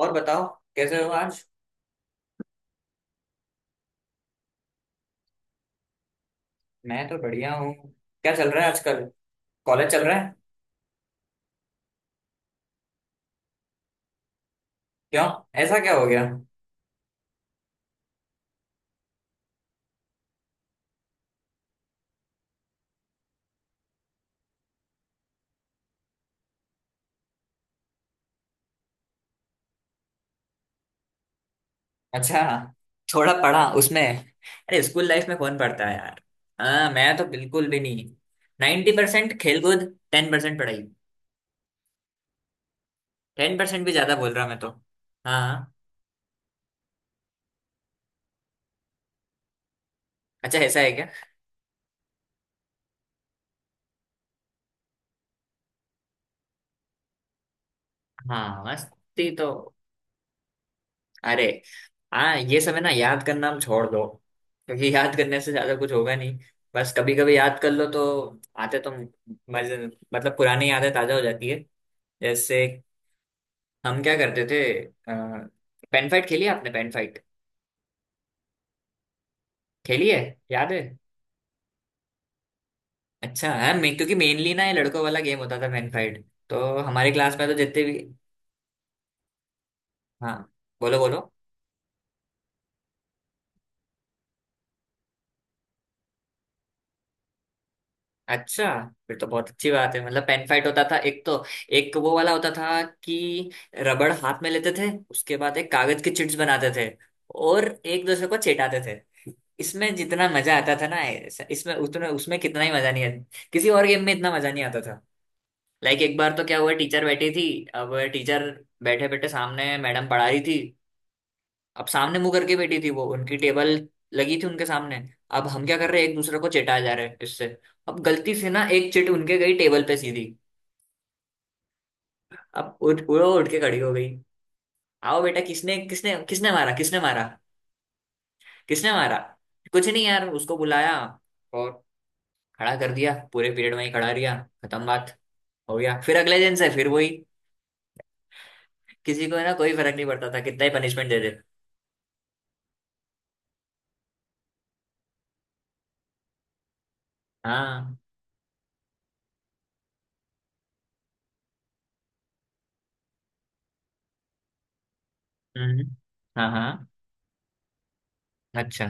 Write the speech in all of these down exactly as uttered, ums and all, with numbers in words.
और बताओ। कैसे हो आज? मैं तो बढ़िया हूँ। क्या चल रहा है आजकल? कॉलेज चल रहा है। क्यों? ऐसा क्या हो गया? अच्छा। थोड़ा पढ़ा उसमें? अरे स्कूल लाइफ में कौन पढ़ता है यार। हाँ, मैं तो बिल्कुल भी नहीं। नाइंटी परसेंट खेल कूद, टेन परसेंट पढ़ाई। टेन परसेंट भी ज्यादा बोल रहा मैं तो। हाँ हाँ। अच्छा, ऐसा है क्या? हाँ मस्ती तो। अरे हाँ, ये समय ना याद करना हम छोड़ दो, क्योंकि याद करने से ज्यादा कुछ होगा नहीं। बस कभी कभी याद कर लो तो आते तो मजे, मतलब पुरानी यादें ताजा हो जाती है। जैसे हम क्या करते थे? पेन फाइट खेली है आपने? पेन फाइट खेली है? याद है? अच्छा है। मैं क्योंकि, मेनली ना, ये लड़कों वाला गेम होता था, पेन फाइट। तो हमारे क्लास में तो जितने भी। हाँ बोलो बोलो। अच्छा, फिर तो बहुत अच्छी बात है। मतलब पेन फाइट होता था एक तो, एक वो वाला होता था कि रबड़ हाथ में लेते थे, उसके बाद एक कागज के चिट्स बनाते थे और एक दूसरे को चेटाते थे। इसमें जितना मजा आता था ना ऐसा- इसमें उतना, उसमें कितना ही मजा नहीं आता, किसी और गेम में इतना मजा नहीं आता था। लाइक एक बार तो क्या हुआ, टीचर बैठी थी। अब टीचर बैठे बैठे, सामने मैडम पढ़ा रही थी। अब सामने मुंह करके बैठी थी वो, उनकी टेबल लगी थी उनके सामने। अब हम क्या कर रहे हैं, एक दूसरे को चिढ़ाए जा रहे हैं इससे। अब गलती से ना एक चिट उनके गई टेबल पे सीधी। अब उठ वो उठ के खड़ी हो गई। आओ बेटा, किसने किसने किसने मारा किसने मारा किसने मारा कुछ नहीं यार, उसको बुलाया और खड़ा कर दिया, पूरे पीरियड में ही खड़ा रिया। खत्म बात। हो गया, फिर अगले दिन से फिर वही। किसी को है ना, कोई फर्क नहीं पड़ता था कितना ही पनिशमेंट दे दे। हाँ। हम्म। हाँ हाँ। अच्छा।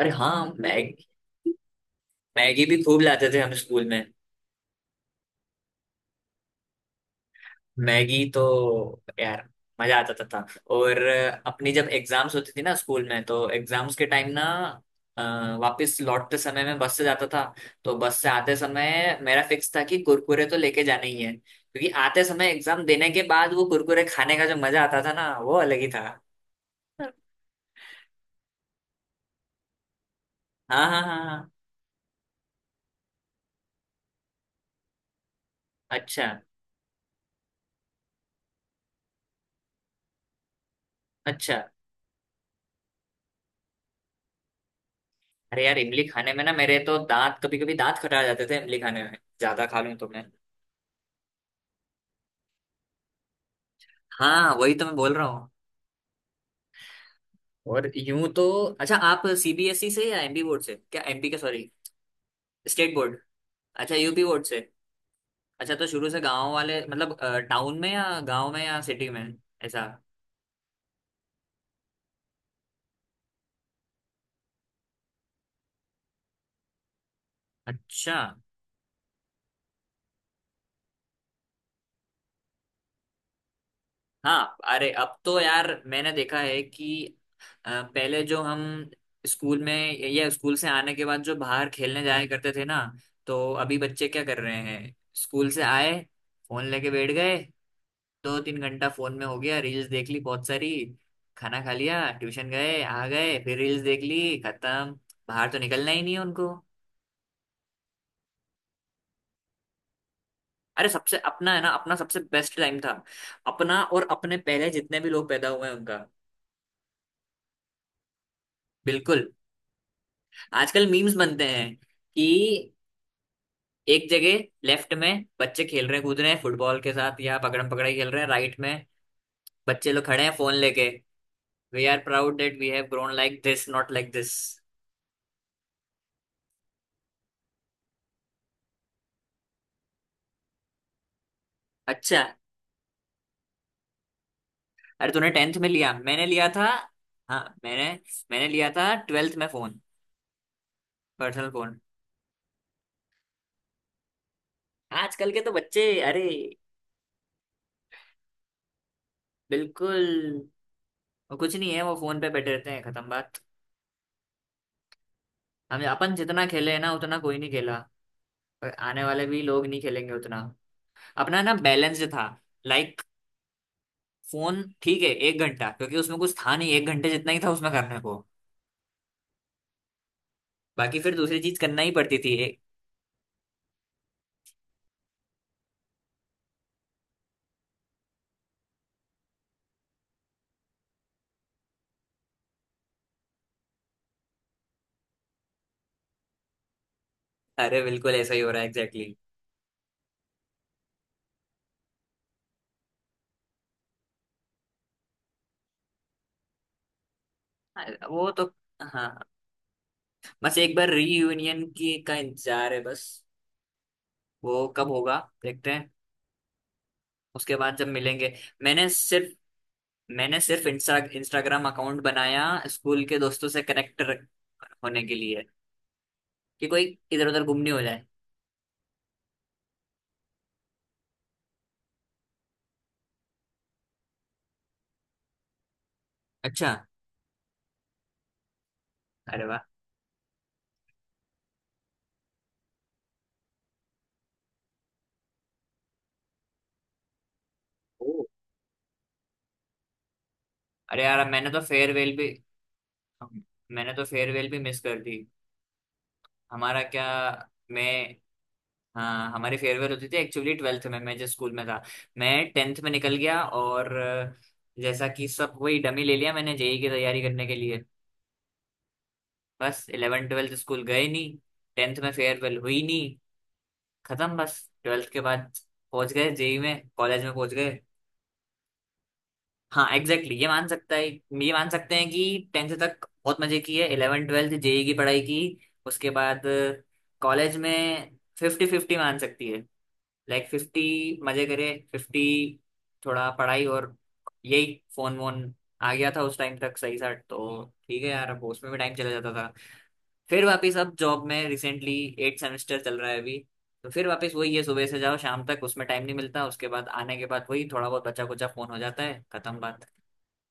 अरे हाँ, मैगी। मैगी भी खूब लाते थे हम स्कूल में। मैगी तो यार मजा आ जाता था। और अपनी जब एग्जाम्स होती थी ना स्कूल में, तो एग्जाम्स के टाइम ना, अ, वापस लौटते समय मैं बस से जाता था। तो बस से आते समय मेरा फिक्स था कि कुरकुरे तो लेके जाने ही है, क्योंकि आते समय एग्जाम देने के बाद वो कुरकुरे खाने का जो मजा आता था ना, वो अलग ही था। हाँ हाँ हाँ हाँ। अच्छा। अच्छा। अरे यार, इमली खाने में ना मेरे तो दांत, कभी कभी दांत खटा जाते थे इमली खाने में, ज्यादा खा लूं तो मैं। हाँ, वही तो मैं बोल रहा हूँ। और यूं तो, अच्छा, आप सीबीएसई से या एमपी बोर्ड से? क्या एमपी का, सॉरी स्टेट बोर्ड। अच्छा, यूपी बोर्ड से। अच्छा, तो शुरू से गांव वाले, मतलब टाउन में या गांव में या सिटी में, ऐसा? अच्छा। हाँ अरे अब तो यार मैंने देखा है कि अ, पहले जो हम स्कूल में या स्कूल से आने के बाद जो बाहर खेलने जाया करते थे ना, तो अभी बच्चे क्या कर रहे हैं? स्कूल से आए, फोन लेके बैठ गए, दो तीन घंटा फोन में हो गया, रील्स देख ली बहुत सारी, खाना खा लिया, ट्यूशन गए, आ गए, फिर रील्स देख ली, खत्म। बाहर तो निकलना ही नहीं है उनको। अरे सबसे अपना है ना, अपना सबसे बेस्ट टाइम था, अपना और अपने पहले जितने भी लोग पैदा हुए हैं उनका। बिल्कुल। आजकल मीम्स बनते हैं कि एक जगह लेफ्ट में बच्चे खेल रहे हैं, कूद रहे हैं फुटबॉल के साथ, या पकड़म पकड़ाई खेल रहे हैं, राइट में बच्चे लोग खड़े हैं फोन लेके। We are proud that we have grown like this, not like this. अच्छा, अरे तूने टेंथ में लिया? मैंने लिया था, हाँ। मैंने मैंने लिया था ट्वेल्थ में फोन, पर्सनल फोन। आजकल के तो बच्चे, अरे बिल्कुल, वो कुछ नहीं है, वो फोन पे बैठे रहते हैं, खत्म बात। हम अपन जितना खेले हैं ना, उतना कोई नहीं खेला, और आने वाले भी लोग नहीं खेलेंगे उतना। अपना ना बैलेंस जो था, लाइक फोन ठीक है एक घंटा, क्योंकि उसमें कुछ था नहीं, एक घंटे जितना ही था उसमें करने को, बाकी फिर दूसरी चीज करना ही पड़ती थी ए- अरे बिल्कुल ऐसा ही हो रहा है, एग्जैक्टली। Exactly. वो तो, हाँ। बस एक बार रीयूनियन की का इंतजार है बस, वो कब होगा देखते हैं। उसके बाद जब मिलेंगे, मैंने सिर्फ मैंने सिर्फ इंस्टा इंस्टाग्राम अकाउंट बनाया स्कूल के दोस्तों से कनेक्ट होने के लिए, कि कोई इधर उधर गुम नहीं हो जाए। अच्छा। अरे वाह। ओ, अरे यार, मैंने तो फेयरवेल भी, हम- मैंने तो फेयरवेल भी मिस कर दी। हमारा क्या, मैं, हाँ, हमारी फेयरवेल होती थी एक्चुअली ट्वेल्थ में। मैं जिस स्कूल में था, मैं टेंथ में निकल गया, और अ, जैसा कि सब, वही डमी ले लिया मैंने जेई की तैयारी करने के लिए। बस इलेवन ट्वेल्थ स्कूल गए नहीं, टेंथ में फेयरवेल हुई नहीं, खत्म बस। ट्वेल्थ के बाद पहुंच गए जेई में, कॉलेज में पहुंच गए। हाँ एग्जैक्टली, exactly, ये मान सकता है, ये मान सकते हैं कि टेंथ तक बहुत मजे की है, इलेवन ट्वेल्थ जेई की पढ़ाई की। उसके बाद कॉलेज में फिफ्टी फिफ्टी मान सकती है, लाइक फिफ्टी मजे करे, फिफ्टी थोड़ा पढ़ाई। और यही फोन वोन आ गया था उस टाइम तक सही सा, तो ठीक है यार, अब उसमें भी टाइम चला जाता था। फिर वापस अब जॉब में, रिसेंटली एट सेमेस्टर चल रहा है अभी, तो फिर वापस वही है, सुबह से जाओ शाम तक, उसमें टाइम नहीं मिलता, उसके बाद आने के बाद वही थोड़ा बहुत बचा कुचा फोन हो जाता है, खत्म बात।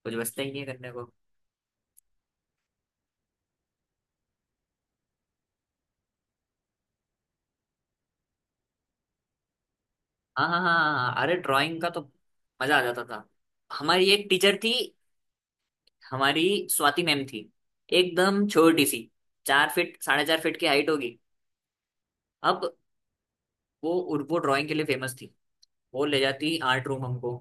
कुछ बचता ही नहीं है करने को। हाँ हाँ हाँ हाँ हाँ, अरे ड्राइंग का तो मजा आ जाता था। हमारी एक टीचर थी, हमारी स्वाति मैम थी, एकदम छोटी सी, चार फीट साढ़े चार फीट की हाइट होगी। अब वो वो ड्राइंग के लिए फेमस थी, वो ले जाती आर्ट रूम हमको।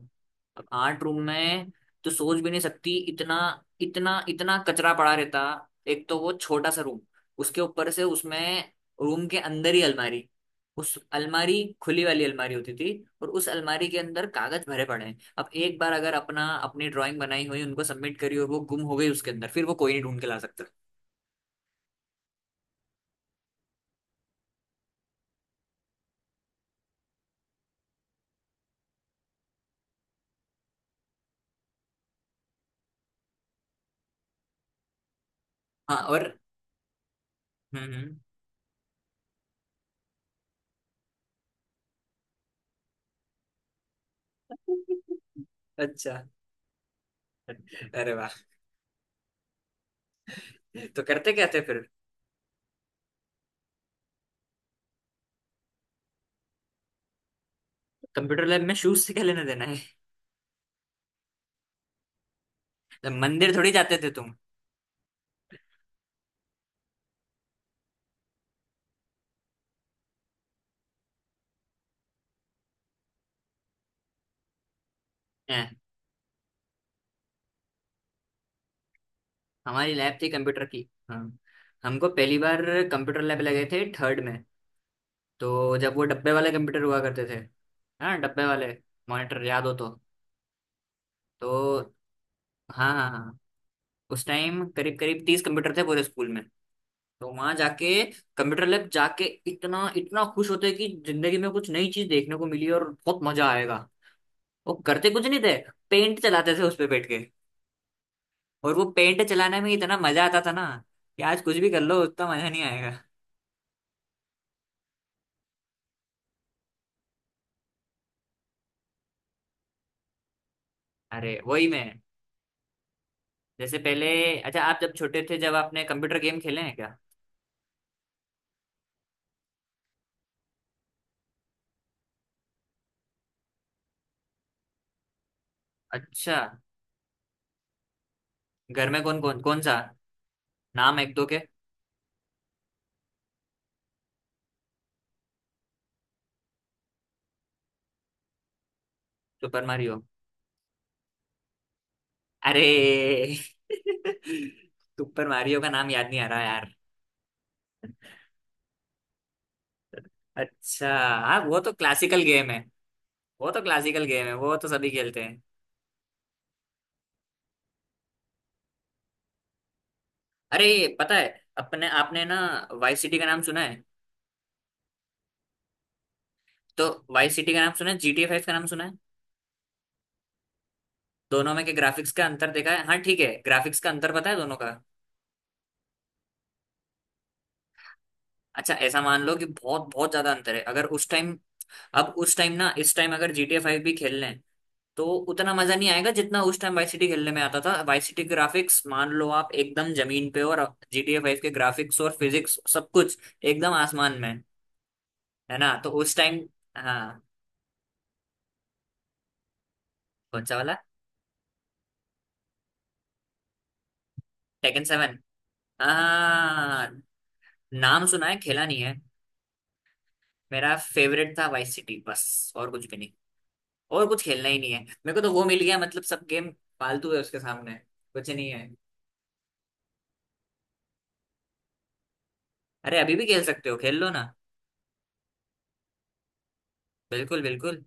अब आर्ट रूम में तो सोच भी नहीं सकती, इतना इतना इतना कचरा पड़ा रहता। एक तो वो छोटा सा रूम, उसके ऊपर से उसमें रूम के अंदर ही अलमारी, उस अलमारी खुली वाली अलमारी होती थी, और उस अलमारी के अंदर कागज भरे पड़े हैं। अब एक बार अगर अपना, अपनी ड्राइंग बनाई हुई उनको सबमिट करी और वो गुम हो गई उसके अंदर, फिर वो कोई नहीं ढूंढ के ला सकता। हाँ और, हम्म। हम्म, अच्छा। अरे वाह, तो करते क्या थे फिर? कंप्यूटर लैब में शूज से क्या लेना देना? तो मंदिर थोड़ी जाते थे तुम? हैं? हमारी लैब थी कंप्यूटर की, हाँ। हमको पहली बार कंप्यूटर लैब लगे थे थर्ड में, तो जब वो डब्बे वाले कंप्यूटर हुआ करते थे, हाँ डब्बे वाले, मॉनिटर याद हो तो। तो हाँ हाँ हाँ, उस टाइम करीब करीब तीस कंप्यूटर थे पूरे स्कूल में। तो वहां जाके, कंप्यूटर लैब जाके, इतना इतना खुश होते कि जिंदगी में कुछ नई चीज देखने को मिली और बहुत मजा आएगा। वो करते कुछ नहीं थे, पेंट चलाते थे उस पे बैठ, और वो पेंट चलाने में इतना मजा आता था ना, कि आज कुछ भी कर लो उतना मजा नहीं आएगा। अरे वही मैं, जैसे पहले, अच्छा आप जब छोटे थे, जब आपने कंप्यूटर गेम खेले हैं क्या? अच्छा, घर में कौन कौन, कौन सा नाम, एक दो के? सुपर मारियो, अरे सुपर मारियो का नाम याद नहीं आ रहा यार। अच्छा, हाँ वो तो क्लासिकल गेम है, वो तो क्लासिकल गेम है वो तो सभी खेलते हैं। अरे पता है, अपने आपने ना वाई सिटी का नाम सुना है? तो वाई सिटी का नाम सुना है, जी टी ए फाइव का नाम सुना है, दोनों में के ग्राफिक्स का अंतर देखा है? हाँ ठीक है, ग्राफिक्स का अंतर पता है दोनों का? अच्छा, ऐसा मान लो कि बहुत बहुत ज्यादा अंतर है। अगर उस टाइम, अब उस टाइम ना, इस टाइम अगर जी टी ए फाइव भी खेल लें, तो उतना मजा नहीं आएगा जितना उस टाइम वाई सिटी खेलने में आता था। वाई सिटी ग्राफिक्स मान लो आप एकदम जमीन पे, और जी टी ए फाइव के ग्राफिक्स और फिजिक्स सब कुछ एकदम आसमान में। है ना? तो उस टाइम, हाँ। कौन सा वाला? टेकन सेवन, हाँ, नाम सुना है, खेला नहीं है। मेरा फेवरेट था वाई सिटी, बस और कुछ भी नहीं। और कुछ खेलना ही नहीं है मेरे को, तो वो मिल गया मतलब। सब गेम फालतू है उसके सामने, कुछ नहीं है। अरे अभी भी खेल सकते हो, खेल लो ना। बिल्कुल बिल्कुल।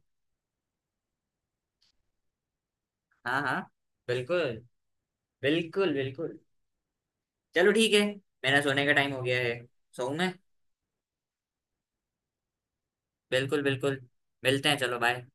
हाँ हाँ। बिल्कुल बिल्कुल। बिल्कुल, चलो ठीक है, मेरा सोने का टाइम हो गया है, सोऊं मैं? बिल्कुल बिल्कुल, मिलते हैं। चलो बाय।